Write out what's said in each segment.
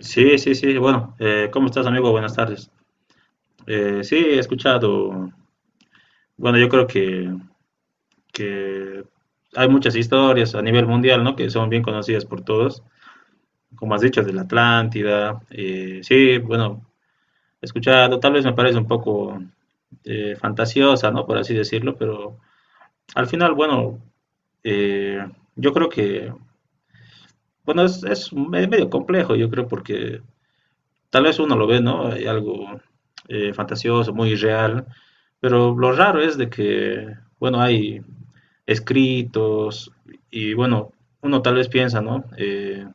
Sí, sí, sí. Bueno, ¿cómo estás, amigo? Buenas tardes. Sí, he escuchado. Bueno, yo creo que hay muchas historias a nivel mundial, ¿no? Que son bien conocidas por todos. Como has dicho, de la Atlántida. Sí, bueno, he escuchado. Tal vez me parece un poco fantasiosa, ¿no? Por así decirlo, pero al final, bueno, eh, yo creo que. Bueno, es medio complejo, yo creo, porque. Tal vez uno lo ve, ¿no? Hay algo fantasioso, muy real, pero lo raro es de que, bueno, hay escritos y, bueno, uno tal vez piensa, ¿no?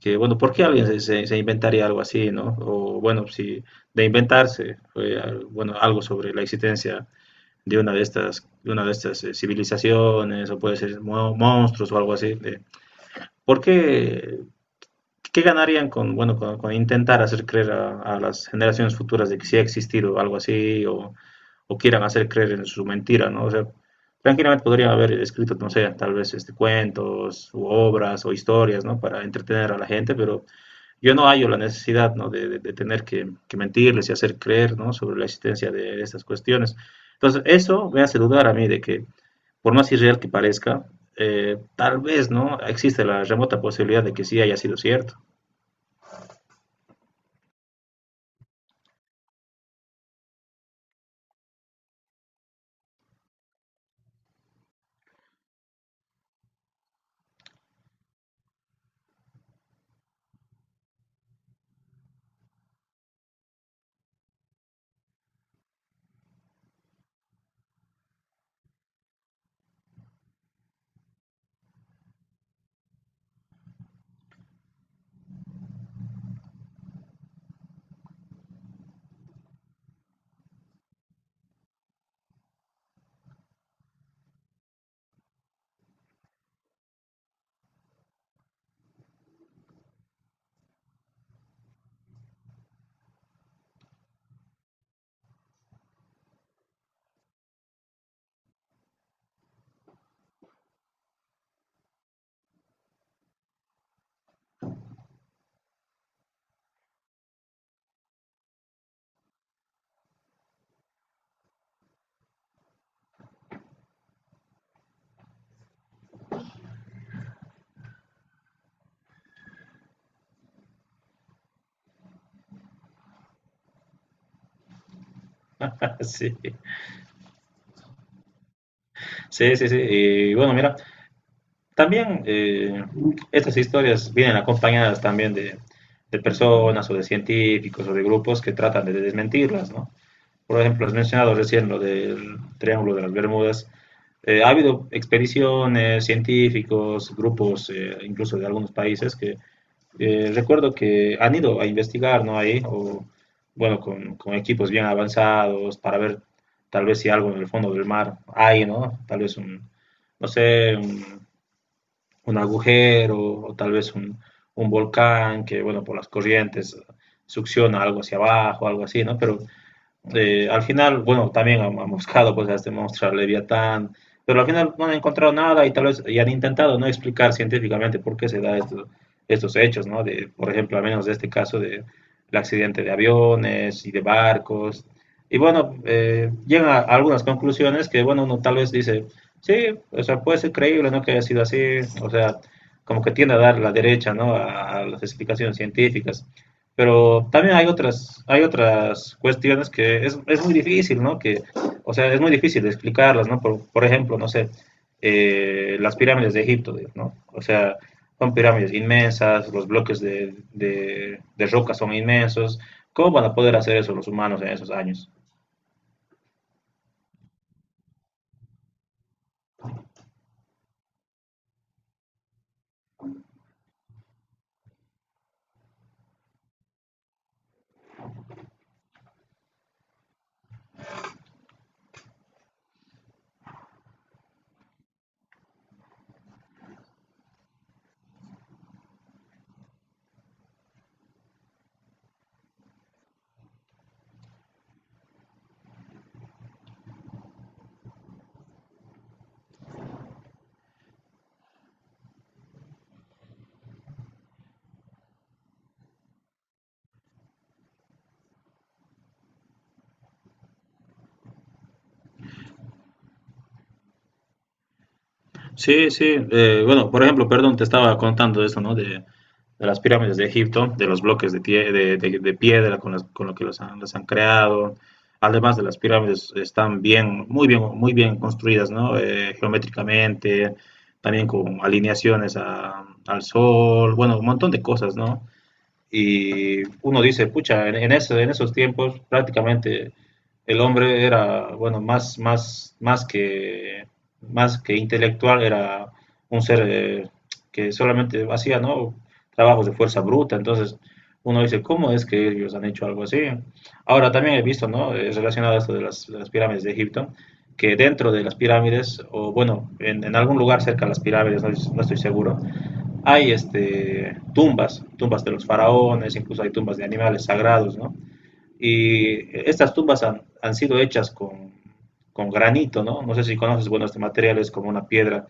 Que, bueno, ¿por qué alguien se inventaría algo así, ¿no? O, bueno, si de inventarse, fue, bueno, algo sobre la existencia de una de estas civilizaciones, o puede ser monstruos o algo así. ¿Por qué ¿Qué ganarían con, bueno, con intentar hacer creer a las generaciones futuras de que sí ha existido algo así o quieran hacer creer en su mentira, ¿no? O sea, tranquilamente podrían haber escrito, no sé, tal vez este, cuentos u obras o historias, ¿no? Para entretener a la gente, pero yo no hallo la necesidad, ¿no? De, de tener que mentirles y hacer creer, ¿no? Sobre la existencia de estas cuestiones. Entonces, eso me hace dudar a mí de que, por más irreal que parezca, tal vez, ¿no? Existe la remota posibilidad de que sí haya sido cierto. Sí, sí, sí, sí. Y bueno, mira, también estas historias vienen acompañadas también de personas o de científicos o de grupos que tratan de desmentirlas, ¿no? Por ejemplo, has mencionado recién lo del Triángulo de las Bermudas. Ha habido expediciones, científicos, grupos, incluso de algunos países, que recuerdo que han ido a investigar, ¿no? Ahí, o bueno, con equipos bien avanzados para ver tal vez si algo en el fondo del mar hay, ¿no? Tal vez no sé, un agujero o tal vez un volcán que, bueno, por las corrientes succiona algo hacia abajo, algo así, ¿no? Pero al final, bueno, también han buscado pues a este monstruo, a Leviatán, pero al final no han encontrado nada y tal vez y han intentado no explicar científicamente por qué se da estos hechos, ¿no? De, por ejemplo, al menos de este caso de el accidente de aviones y de barcos. Y bueno, llegan a algunas conclusiones que, bueno, uno tal vez dice, sí, o sea, puede ser creíble, ¿no? Que haya sido así, o sea, como que tiende a dar la derecha, ¿no? A las explicaciones científicas. Pero también hay otras cuestiones que es muy difícil, ¿no? Que, o sea, es muy difícil explicarlas, ¿no? Por ejemplo, no sé, las pirámides de Egipto, ¿no? O sea, son pirámides inmensas, los bloques de, de roca son inmensos. ¿Cómo van a poder hacer eso los humanos en esos años? Sí, sí. Bueno, por ejemplo, perdón, te estaba contando de esto, ¿no? De las pirámides de Egipto, de los bloques de, de, de piedra con, con lo que los han, las han creado. Además de las pirámides, están bien, muy bien, muy bien construidas, ¿no? Geométricamente, también con alineaciones al sol, bueno, un montón de cosas, ¿no? Y uno dice, pucha, en esos tiempos prácticamente el hombre era, bueno, más, más que intelectual, era un ser que solamente hacía, ¿no? Trabajos de fuerza bruta, entonces uno dice, ¿cómo es que ellos han hecho algo así? Ahora también he visto, ¿no? Es relacionado a esto de las pirámides de Egipto, que dentro de las pirámides, o bueno, en algún lugar cerca de las pirámides, no, no estoy seguro, hay este, tumbas, tumbas de los faraones, incluso hay tumbas de animales sagrados, ¿no? Y estas tumbas han sido hechas con granito, ¿no? No sé si conoces, bueno, este material es como una piedra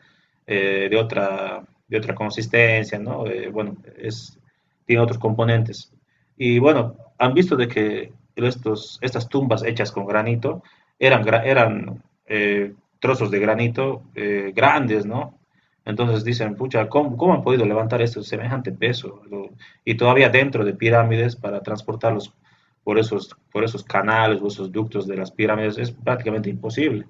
eh, de otra, de otra consistencia, ¿no? Bueno, es, tiene otros componentes. Y bueno, han visto de que estas tumbas hechas con granito eran trozos de granito grandes, ¿no? Entonces dicen, pucha, ¿cómo han podido levantar esto semejante peso? Lo, y todavía dentro de pirámides para transportarlos por esos canales o esos ductos de las pirámides es prácticamente imposible.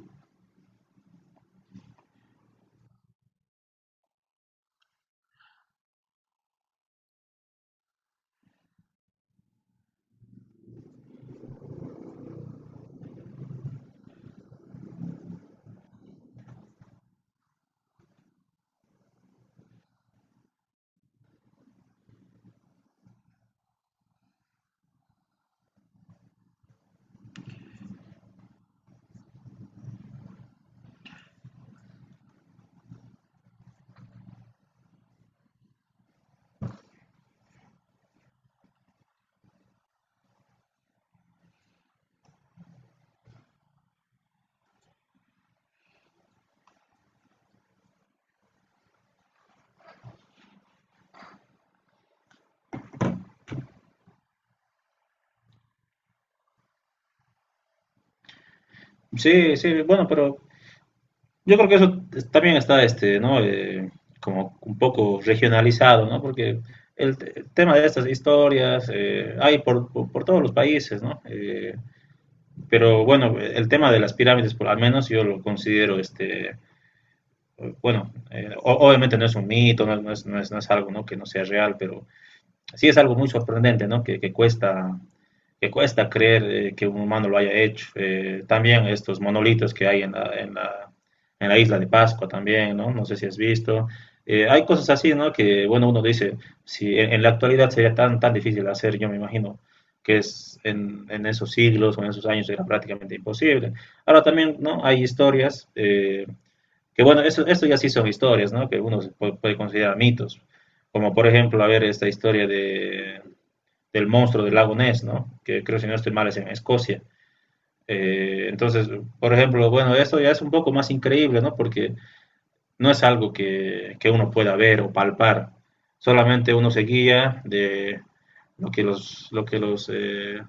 Sí, sí, bueno, pero yo creo que eso también está, este, ¿no? Como un poco regionalizado, ¿no? Porque el tema de estas historias hay por, por todos los países, ¿no? Pero bueno, el tema de las pirámides, por al menos yo lo considero, este, bueno, obviamente no es un mito, no es algo, ¿no? que no sea real, pero sí es algo muy sorprendente, ¿no? Que, que cuesta creer que un humano lo haya hecho. También estos monolitos que hay en en la isla de Pascua también, ¿no? No sé si has visto. Hay cosas así, ¿no? Que, bueno, uno dice, si en la actualidad sería tan difícil hacer, yo me imagino que es en esos siglos o en esos años era prácticamente imposible. Ahora también, ¿no? Hay historias que bueno, eso, esto ya sí son historias, ¿no? Que uno puede considerar mitos. Como por ejemplo, a ver, esta historia de, del monstruo del lago Ness, ¿no? Que creo, si no estoy mal, es en Escocia. Entonces, por ejemplo, bueno, esto ya es un poco más increíble, ¿no? Porque no es algo que uno pueda ver o palpar. Solamente uno se guía de lo que los,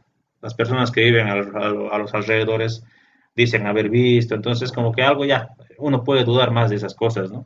las personas que viven a, a los alrededores dicen haber visto. Entonces, como que algo ya, uno puede dudar más de esas cosas, ¿no?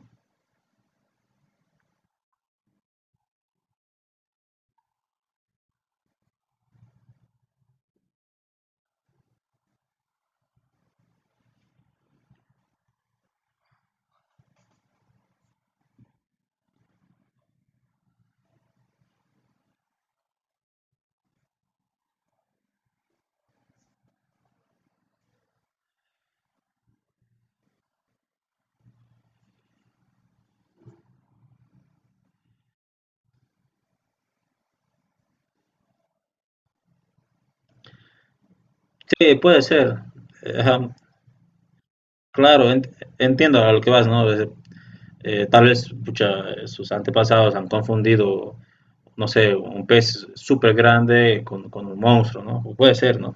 Sí, puede ser. Ajá, claro, entiendo a lo que vas, ¿no? Tal vez pucha, sus antepasados han confundido, no sé, un pez súper grande con un monstruo, ¿no? Puede ser, ¿no?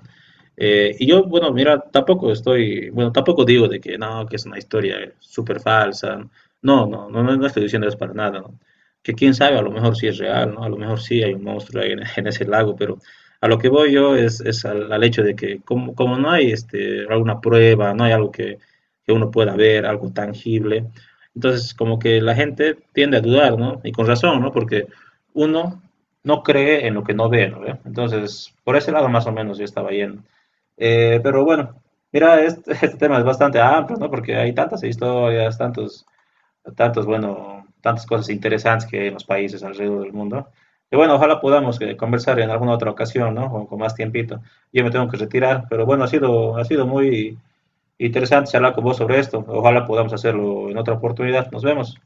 Y yo, bueno, mira, tampoco estoy, bueno, tampoco digo de que no, que es una historia súper falsa. No, no, no, no estoy diciendo eso para nada, ¿no? Que quién sabe, a lo mejor sí es real, ¿no? A lo mejor sí hay un monstruo ahí en, en ese lago, pero a lo que voy yo es al, al hecho de que como no hay este, alguna prueba, no hay algo que uno pueda ver, algo tangible, entonces como que la gente tiende a dudar, ¿no? Y con razón, ¿no? Porque uno no cree en lo que no ve, ¿no? ¿Ve? Entonces, por ese lado más o menos yo estaba yendo. Pero bueno, mira, este, este tema es bastante amplio, ¿no? Porque hay tantas historias, tantos, tantos, bueno, tantas cosas interesantes que hay en los países alrededor del mundo. Y bueno, ojalá podamos conversar en alguna otra ocasión, ¿no? Con más tiempito. Yo me tengo que retirar, pero bueno, ha sido muy interesante charlar con vos sobre esto. Ojalá podamos hacerlo en otra oportunidad. Nos vemos.